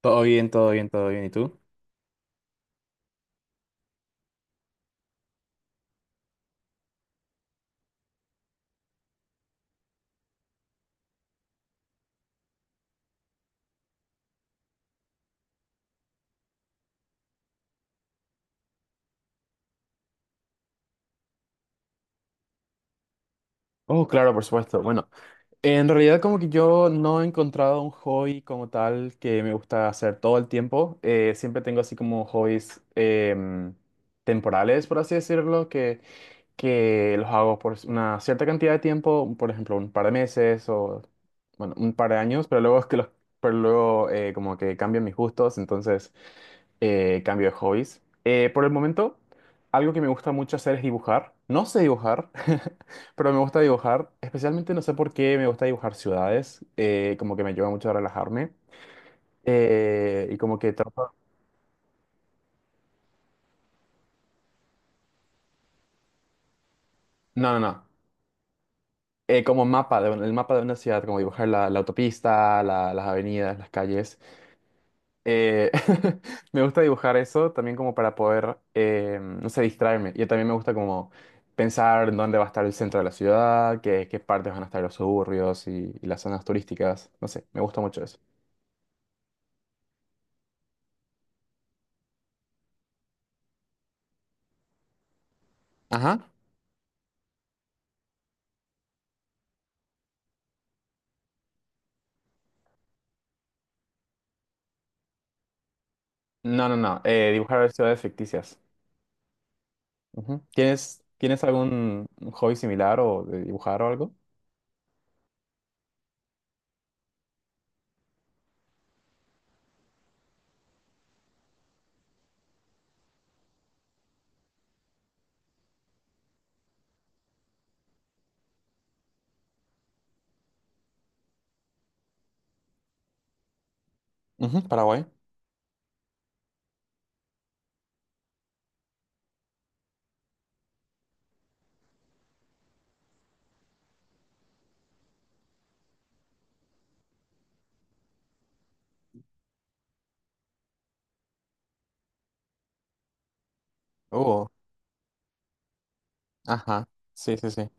Todo bien, todo bien, todo bien. ¿Y tú? Oh, claro, por supuesto. Bueno, en realidad como que yo no he encontrado un hobby como tal que me gusta hacer todo el tiempo. Siempre tengo así como hobbies temporales, por así decirlo, que los hago por una cierta cantidad de tiempo, por ejemplo, un par de meses o, bueno, un par de años, pero luego es que pero luego como que cambian mis gustos, entonces cambio de hobbies. Por el momento, algo que me gusta mucho hacer es dibujar. No sé dibujar, pero me gusta dibujar. Especialmente no sé por qué me gusta dibujar ciudades. Como que me ayuda mucho a relajarme. Y como que trato... No, no, no. Como mapa, de, el mapa de una ciudad, como dibujar la autopista, las avenidas, las calles. Eh, me gusta dibujar eso también como para poder, no sé, distraerme. Y también me gusta como pensar en dónde va a estar el centro de la ciudad, qué partes van a estar los suburbios y las zonas turísticas. No sé, me gusta mucho eso. Ajá. No, no, no, dibujar ciudades ficticias. Ujú. ¿Tienes algún hobby similar o de dibujar o algo? Ujú, Paraguay. Oh, ajá. Sí, sí, sí.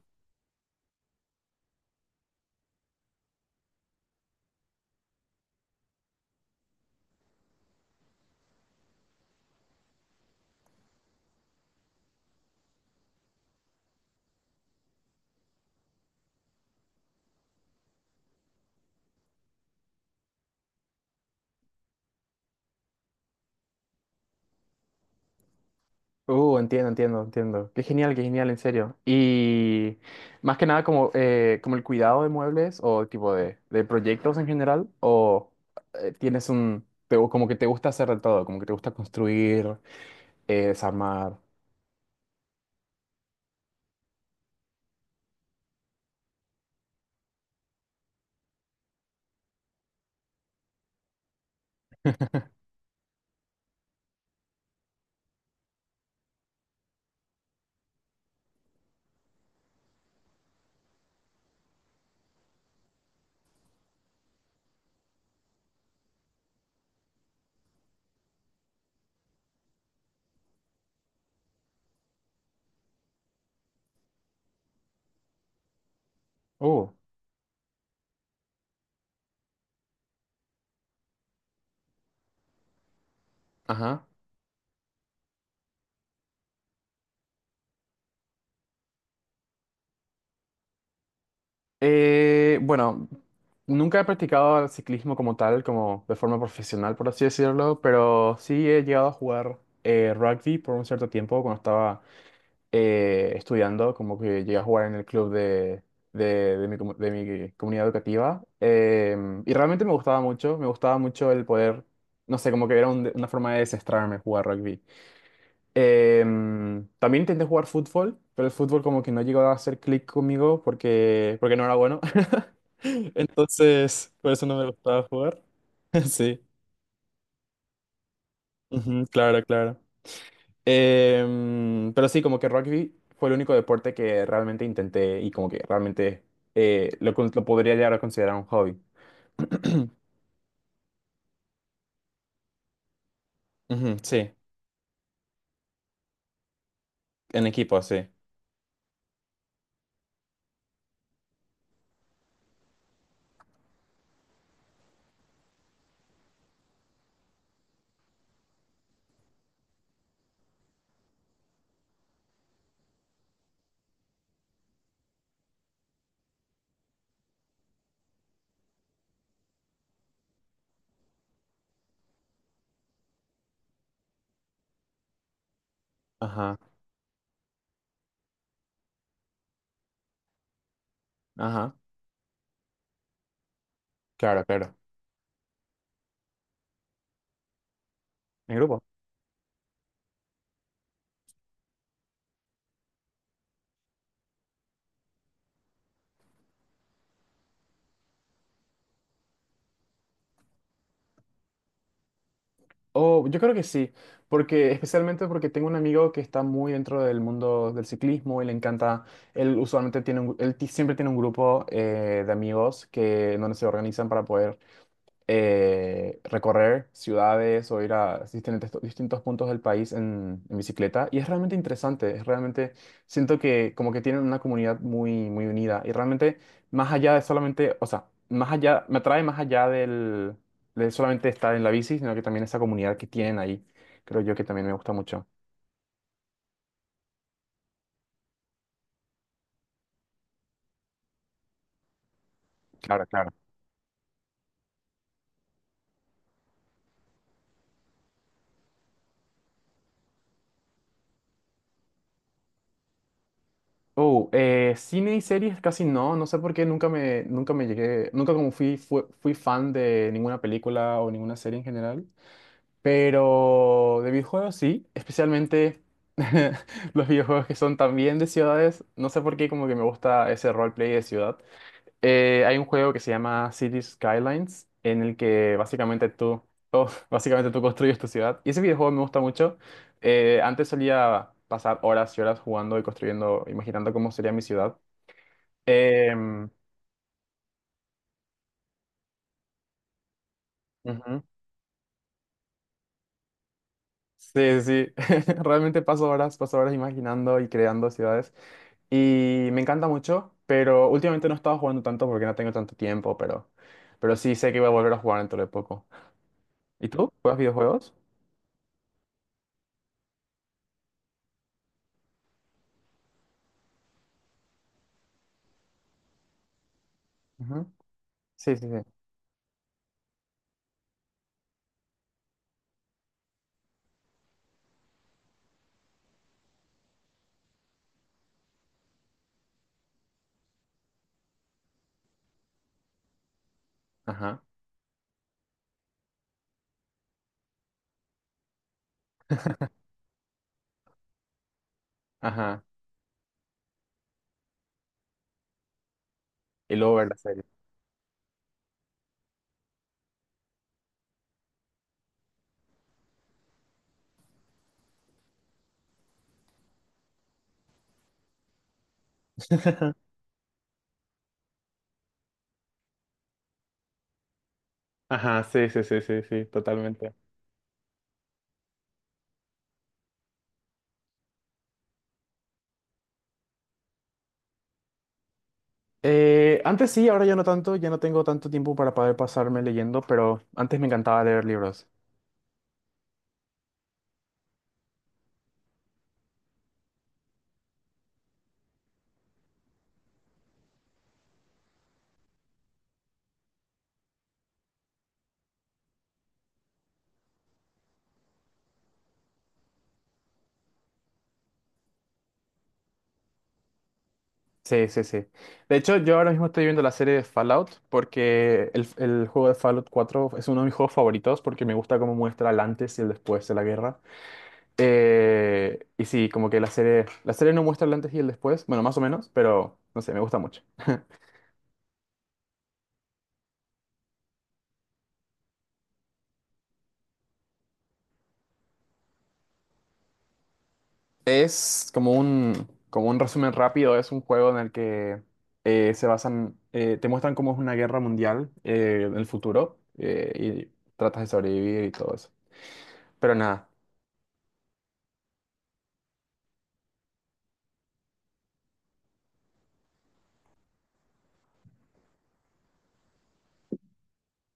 Entiendo, entiendo, entiendo. Qué genial, en serio. Y más que nada como, como el cuidado de muebles o tipo de proyectos en general, o tienes un, como que te gusta hacer de todo, como que te gusta construir, desarmar. Uh, ajá. Bueno, nunca he practicado el ciclismo como tal, como de forma profesional, por así decirlo, pero sí he llegado a jugar rugby por un cierto tiempo cuando estaba estudiando, como que llegué a jugar en el club de mi, de mi comunidad educativa. Y realmente me gustaba mucho el poder, no sé, como que era una forma de desestrarme jugar rugby. También intenté jugar fútbol, pero el fútbol como que no llegó a hacer clic conmigo porque no era bueno. Entonces, por eso no me gustaba jugar. Sí, ujú, claro, claro. Pero sí, como que rugby fue el único deporte que realmente intenté y como que realmente lo podría llegar a considerar un hobby. Ujú, sí, en equipo, sí. Ajá, ajá, claro, claro. En grupo. Oh, yo creo que sí, porque especialmente porque tengo un amigo que está muy dentro del mundo del ciclismo y le encanta, él usualmente tiene un, siempre tiene un grupo de amigos que en donde se organizan para poder recorrer ciudades o ir a distintos puntos del país en bicicleta. Y es realmente interesante, es realmente, siento que como que tienen una comunidad muy, muy unida y realmente más allá de solamente, o sea, más allá, me atrae más allá de solamente estar en la bici, sino que también esa comunidad que tienen ahí, creo yo que también me gusta mucho. Claro, claro. Oh, cine y series casi no, no sé por qué nunca me llegué, nunca como fui fan de ninguna película o ninguna serie en general. Pero de videojuegos sí, especialmente los videojuegos que son también de ciudades. No sé por qué como que me gusta ese roleplay de ciudad. Hay un juego que se llama Cities Skylines en el que básicamente tú, oh, básicamente tú construyes tu ciudad. Y ese videojuego me gusta mucho. Antes solía pasar horas y horas jugando y construyendo, imaginando cómo sería mi ciudad. Em, ujú. Sí, sí, realmente paso horas imaginando y creando ciudades. Y me encanta mucho, pero últimamente no he estado jugando tanto porque no tengo tanto tiempo, pero sí sé que voy a volver a jugar dentro de poco. ¿Y tú? ¿Juegas videojuegos? Ujú. Sí, sí, sí. Ajá, ajá. Y luego ver la serie. Ajá, sí, sí, sí, sí, sí, totalmente. Antes sí, ahora ya no tanto, ya no tengo tanto tiempo para poder pasarme leyendo, pero antes me encantaba leer libros. Sí, sí, sí. De hecho, yo ahora mismo estoy viendo la serie de Fallout porque el juego de Fallout 4 es uno de mis juegos favoritos porque me gusta cómo muestra el antes y el después de la guerra. Y sí, como que la serie no muestra el antes y el después, bueno, más o menos, pero no sé, me gusta mucho. Es como un resumen rápido, es un juego en el que se basan, te muestran cómo es una guerra mundial en el futuro y tratas de sobrevivir y todo eso. Pero nada,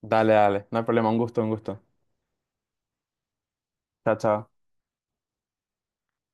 dale, dale, no hay problema, un gusto, un gusto. Chao, chao.